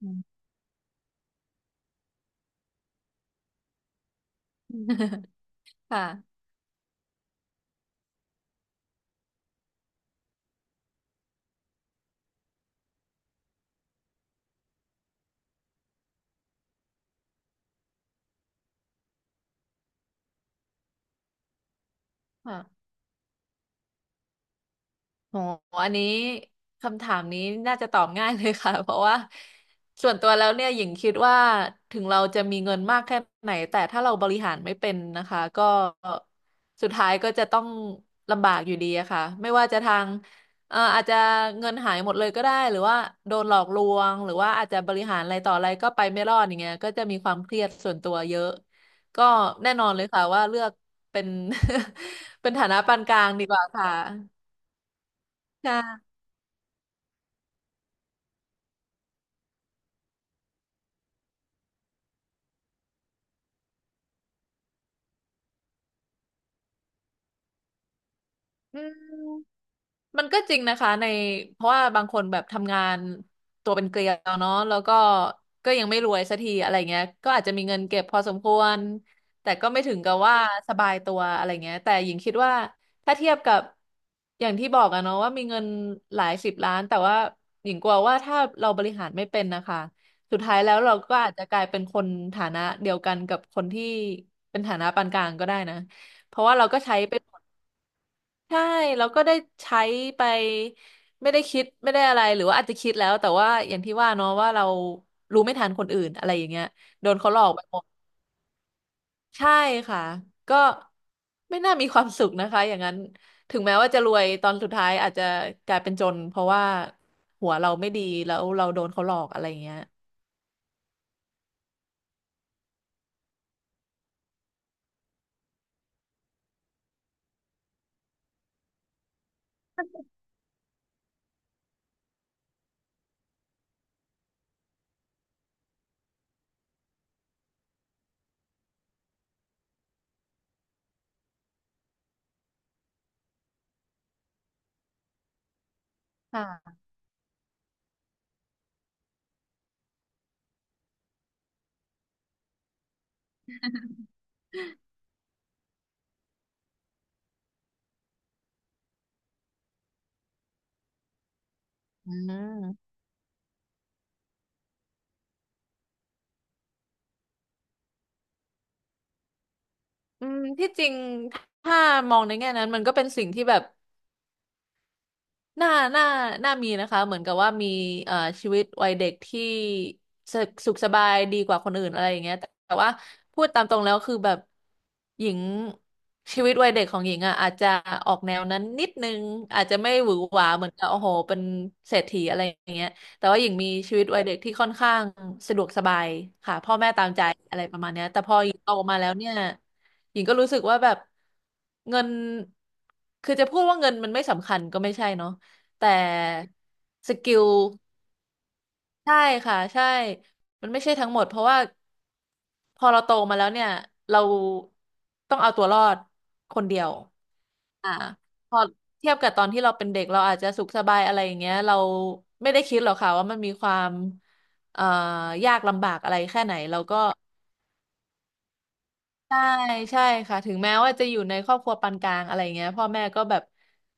อืม ค่ะค่ะ โหอันนี้คำถามนี้น่าจะตอบง่ายเลยค่ะ เพราะว่าส่วนตัวแล้วเนี่ยหญิงคิดว่าถึงเราจะมีเงินมากแค่ไหนแต่ถ้าเราบริหารไม่เป็นนะคะก็สุดท้ายก็จะต้องลำบากอยู่ดีอะค่ะไม่ว่าจะทางอาจจะเงินหายหมดเลยก็ได้หรือว่าโดนหลอกลวงหรือว่าอาจจะบริหารอะไรต่ออะไรก็ไปไม่รอดอย่างเงี้ยก็จะมีความเครียดส่วนตัวเยอะก็แน่นอนเลยค่ะว่าเลือกเป็น เป็นฐานะปานกลางดีกว่าค่ะใช่ อืมมันก็จริงนะคะในเพราะว่าบางคนแบบทำงานตัวเป็นเกลียวเนาะแล้วก็ก็ยังไม่รวยสักทีอะไรเงี้ยก็อาจจะมีเงินเก็บพอสมควรแต่ก็ไม่ถึงกับว่าสบายตัวอะไรเงี้ยแต่หญิงคิดว่าถ้าเทียบกับอย่างที่บอกอะเนาะว่ามีเงินหลายสิบล้านแต่ว่าหญิงกลัวว่าถ้าเราบริหารไม่เป็นนะคะสุดท้ายแล้วเราก็อาจจะกลายเป็นคนฐานะเดียวกันกับคนที่เป็นฐานะปานกลางก็ได้นะเพราะว่าเราก็ใช้ไป ใช่แล้วก็ได้ใช้ไปไม่ได้คิดไม่ได้อะไรหรือว่าอาจจะคิดแล้วแต่ว่าอย่างที่ว่าเนาะว่าเรารู้ไม่ทันคนอื่นอะไรอย่างเงี้ยโดนเขาหลอกไปหมดใช่ค่ะก็ไม่น่ามีความสุขนะคะอย่างนั้นถึงแม้ว่าจะรวยตอนสุดท้ายอาจจะกลายเป็นจนเพราะว่าหัวเราไม่ดีแล้วเราโดนเขาหลอกอะไรอย่างเงี้ยอืมอืมที่จริงถ้ามองในแง่นั้นมันก็เป็นสิ่งที่แบบ น่าน่าน่ามีนะคะเหมือนกับว่ามีเอ่อชีวิตวัยเด็กที่สสุขสบายดีกว่าคนอื่นอะไรอย่างเงี้ยแต่แต่ว่าพูดตามตรงแล้วคือแบบหญิงชีวิตวัยเด็กของหญิงอ่ะอาจจะออกแนวนั้นนิดนึงอาจจะไม่หวือหวาเหมือนกับโอ้โหเป็นเศรษฐีอะไรอย่างเงี้ยแต่ว่าหญิงมีชีวิตวัยเด็กที่ค่อนข้างสะดวกสบายค่ะพ่อแม่ตามใจอะไรประมาณเนี้ยแต่พอหญิงโตมาแล้วเนี่ยหญิงก็รู้สึกว่าแบบเงินคือจะพูดว่าเงินมันไม่สำคัญก็ไม่ใช่เนาะ แต่สกิลใช่ค่ะใช่มันไม่ใช่ทั้งหมดเพราะว่าพอเราโตมาแล้วเนี่ยเราต้องเอาตัวรอดคนเดียวอ่าพอเทียบกับตอนที่เราเป็นเด็กเราอาจจะสุขสบายอะไรอย่างเงี้ยเราไม่ได้คิดหรอกค่ะว่ามันมีความเอ่ยากลำบากอะไรแค่ไหนเราก็ ใช่ใช่ค่ะถึงแม้ว่าจะอยู่ในครอบครัวปานกลางอะไรเงี้ยพ่อแม่ก็แบบ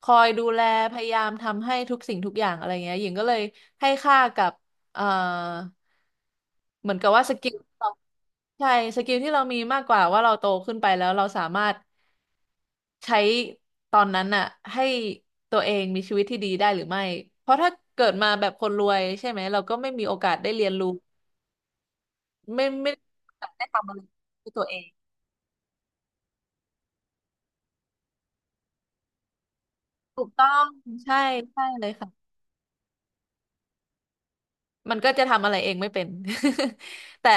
คอยดูแลพยายามทำให้ทุกสิ่งทุกอย่างอะไรเงี้ยหญิงก็เลยให้ค่ากับเอ่อเหมือนกับว่าสกิลเราใช่สกิลที่เรามีมากกว่าว่าเราโตขึ้นไปแล้วเราสามารถใช้ตอนนั้นน่ะให้ตัวเองมีชีวิตที่ดีได้หรือไม่เพราะถ้าเกิดมาแบบคนรวยใช่ไหมเราก็ไม่มีโอกาสได้เรียนรู้ไม่ได้มีโอกาสได้ทำอะไรด้วยตัวเอง ถูกต้องใช่ใช่เลยค่ะมันก็จะทำอะไรเองไม่เป็น แต่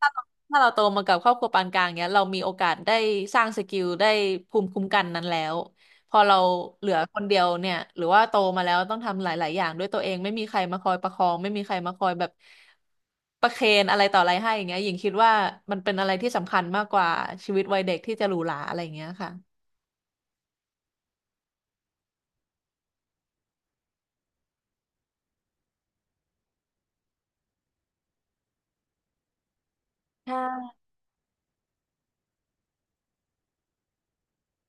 ถ้าเราโตมากับครอบครัวปานกลางเนี้ยเรามีโอกาสได้สร้างสกิลได้ภูมิคุ้มกันนั้นแล้วพอเราเหลือคนเดียวเนี่ยหรือว่าโตมาแล้วต้องทำหลาย ๆ อย่างด้วยตัวเองไม่มีใครมาคอยประคองไม่มีใครมาคอยแบบประเคนอะไรต่ออะไรให้อย่างเงี้ยหญิงคิดว่ามันเป็นอะไรที่สำคัญมากกว่าชีวิตวัยเด็กที่จะหรูหราอะไรอย่างเงี้ยค่ะใช่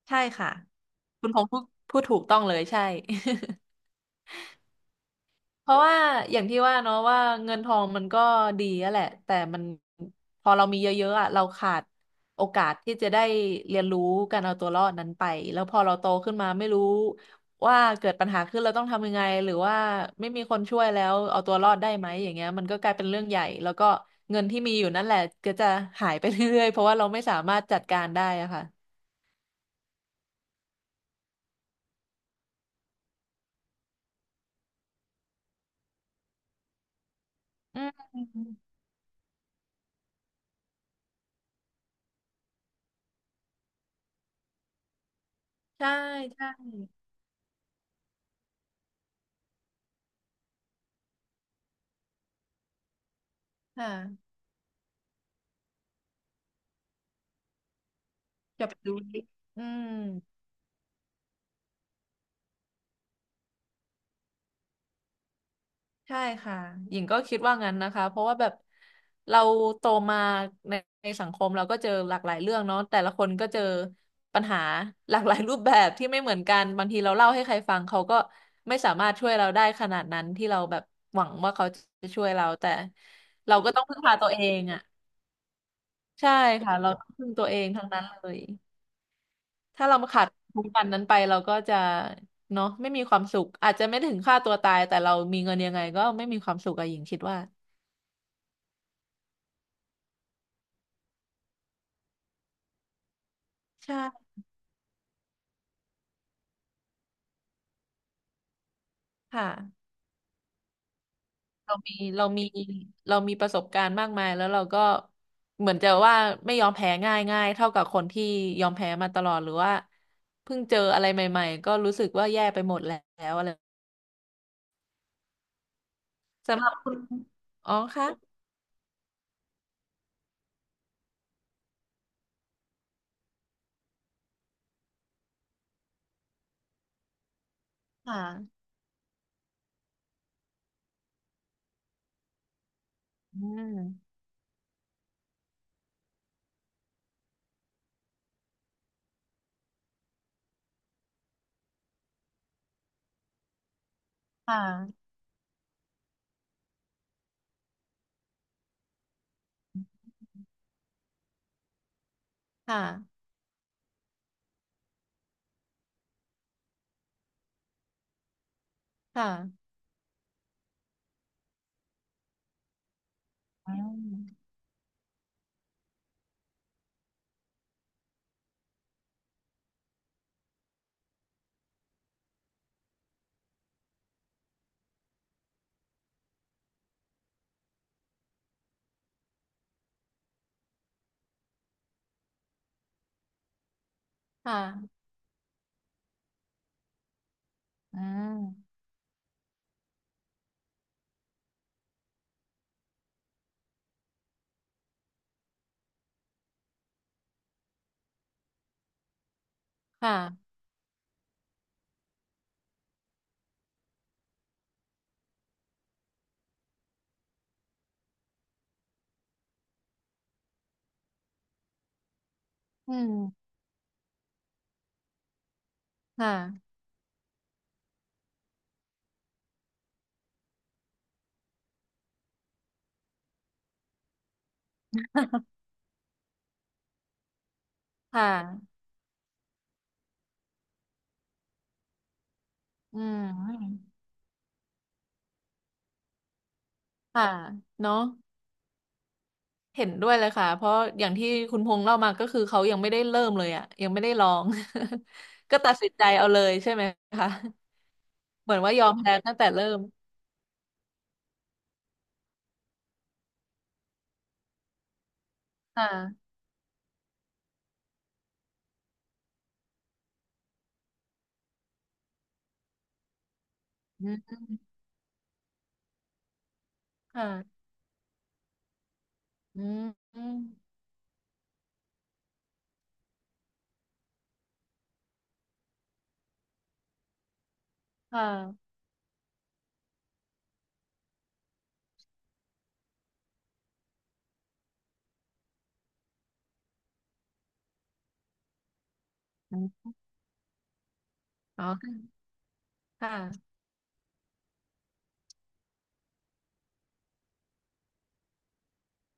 ใช่ค่ะคุณพงษ์พูดถูกต้องเลยใช่ เพราะว่าอย่างที่ว่าเนาะว่าเงินทองมันก็ดีอะแหละแต่มันพอเรามีเยอะๆอ่ะเราขาดโอกาสที่จะได้เรียนรู้การเอาตัวรอดนั้นไปแล้วพอเราโตขึ้นมาไม่รู้ว่าเกิดปัญหาขึ้นเราต้องทำยังไงหรือว่าไม่มีคนช่วยแล้วเอาตัวรอดได้ไหมอย่างเงี้ยมันก็กลายเป็นเรื่องใหญ่แล้วก็เงินที่มีอยู่นั่นแหละก็จะหายไปเรื่อยๆเพราะว่าเราไม่สามารถจัดการได้อะค่ะอืมใช่ใช่ค่ะจะไปดูดิอืม ใช่ค่ะหญิงก็คิดว่างั้นนะคะเพราะว่าแบบเราโตมาในในสังคมเราก็เจอหลากหลายเรื่องเนาะแต่ละคนก็เจอปัญหาหลากหลายรูปแบบที่ไม่เหมือนกันบางทีเราเล่าให้ใครฟังเขาก็ไม่สามารถช่วยเราได้ขนาดนั้นที่เราแบบหวังว่าเขาจะช่วยเรา แต่เราก็ต้องพึ่งพาตัวเองอ่ะใช่ค่ะเราต้องพึ่งตัวเองทั้งนั้นเลยถ้าเราขาดทุกวันนั้นไปเราก็จะเนาะไม่มีความสุขอาจจะไม่ถึงฆ่าตัวตายแต่เรามีเงินยังไงก็ไม่มีความสุขอะหญิงคิดว่า ใช่ค่ะเรามีเรามีเรามีประสบการณ์มากมายแล้วเราก็เหมือนจะว่าไม่ยอมแพ้ง่ายง่ายเท่ากับคนที่ยอมแพ้มาตลอดหรือว่าเพิ่งเจออะไรใหม่ๆก็รู้สึกว่าแย่ไปหมดแล้วอะไรสำหรับคุณอ๋อค่ะค่ะอืมค่ะค่ะค่ะอืมค่ะอืมค่ะอืมค่ะ ค่ะอืมค่ะเนาะ เห็นด้วยเลยค่ะเพราะอย่างที่คุณพงษ์เล่ามาก็คือเขายังไม่ได้เริ่มเลยอ่ะยังไม่ได้ลอง ก็ตัดสินใจเอาเลยใช่ไหมคะเหมือนว่ายอมแพ้ตั้งแต่เริ่มค่ะอืมค่ะอืมอืมค่ะอืมอ๋อค่ะ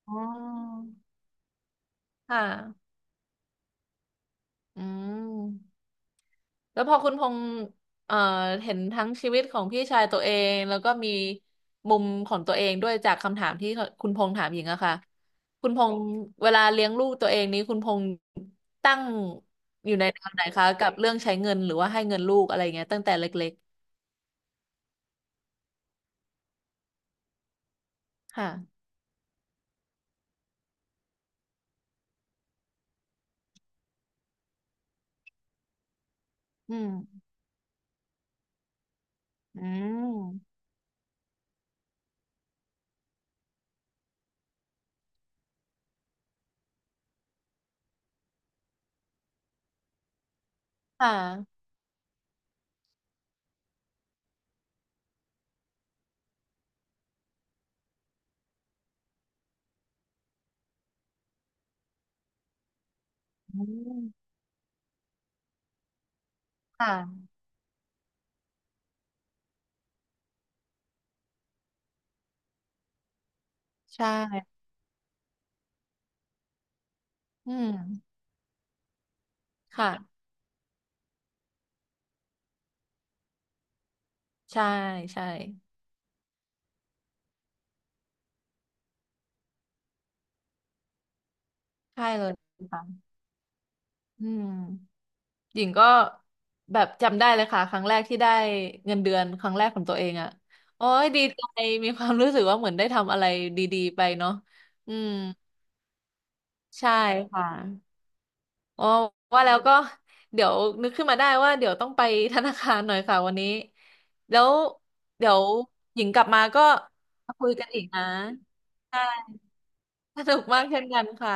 อ๋อค่ะอืม แล้วพอคุณพงษ์เอ่อเห็นทั้งชีวิตของพี่ชายตัวเองแล้วก็มีมุมของตัวเองด้วยจากคำถามที่คุณพงษ์ถามหญิงอะค่ะคุณพงษ์เวลาเลี้ยงลูกตัวเองนี้คุณพงษ์ตั้งอยู่ในแนวไหนคะกับเรื่องใช้เงินหรือว่าให้เงินลูกอะไรเงี้ยตั้งแต่เล็กๆค่ะอืมอืมค่ะอืมค่ะใช่อืมค่ะใช่ ใช่ ใช่เลยค่ะอืม หญิงก็แบบจำได้เลยค่ะครั้งแรกที่ได้เงินเดือนครั้งแรกของตัวเองอ่ะโอ้ยดีใจมีความรู้สึกว่าเหมือนได้ทำอะไรดีๆไปเนาะอืมใช่ค่ะอ๋อว่าแล้วก็เดี๋ยวนึกขึ้นมาได้ว่าเดี๋ยวต้องไปธนาคารหน่อยค่ะวันนี้แล้วเดี๋ยวหญิงกลับมาก็มาคุยกันอีกนะใช่สนุกมากเช่นกันค่ะ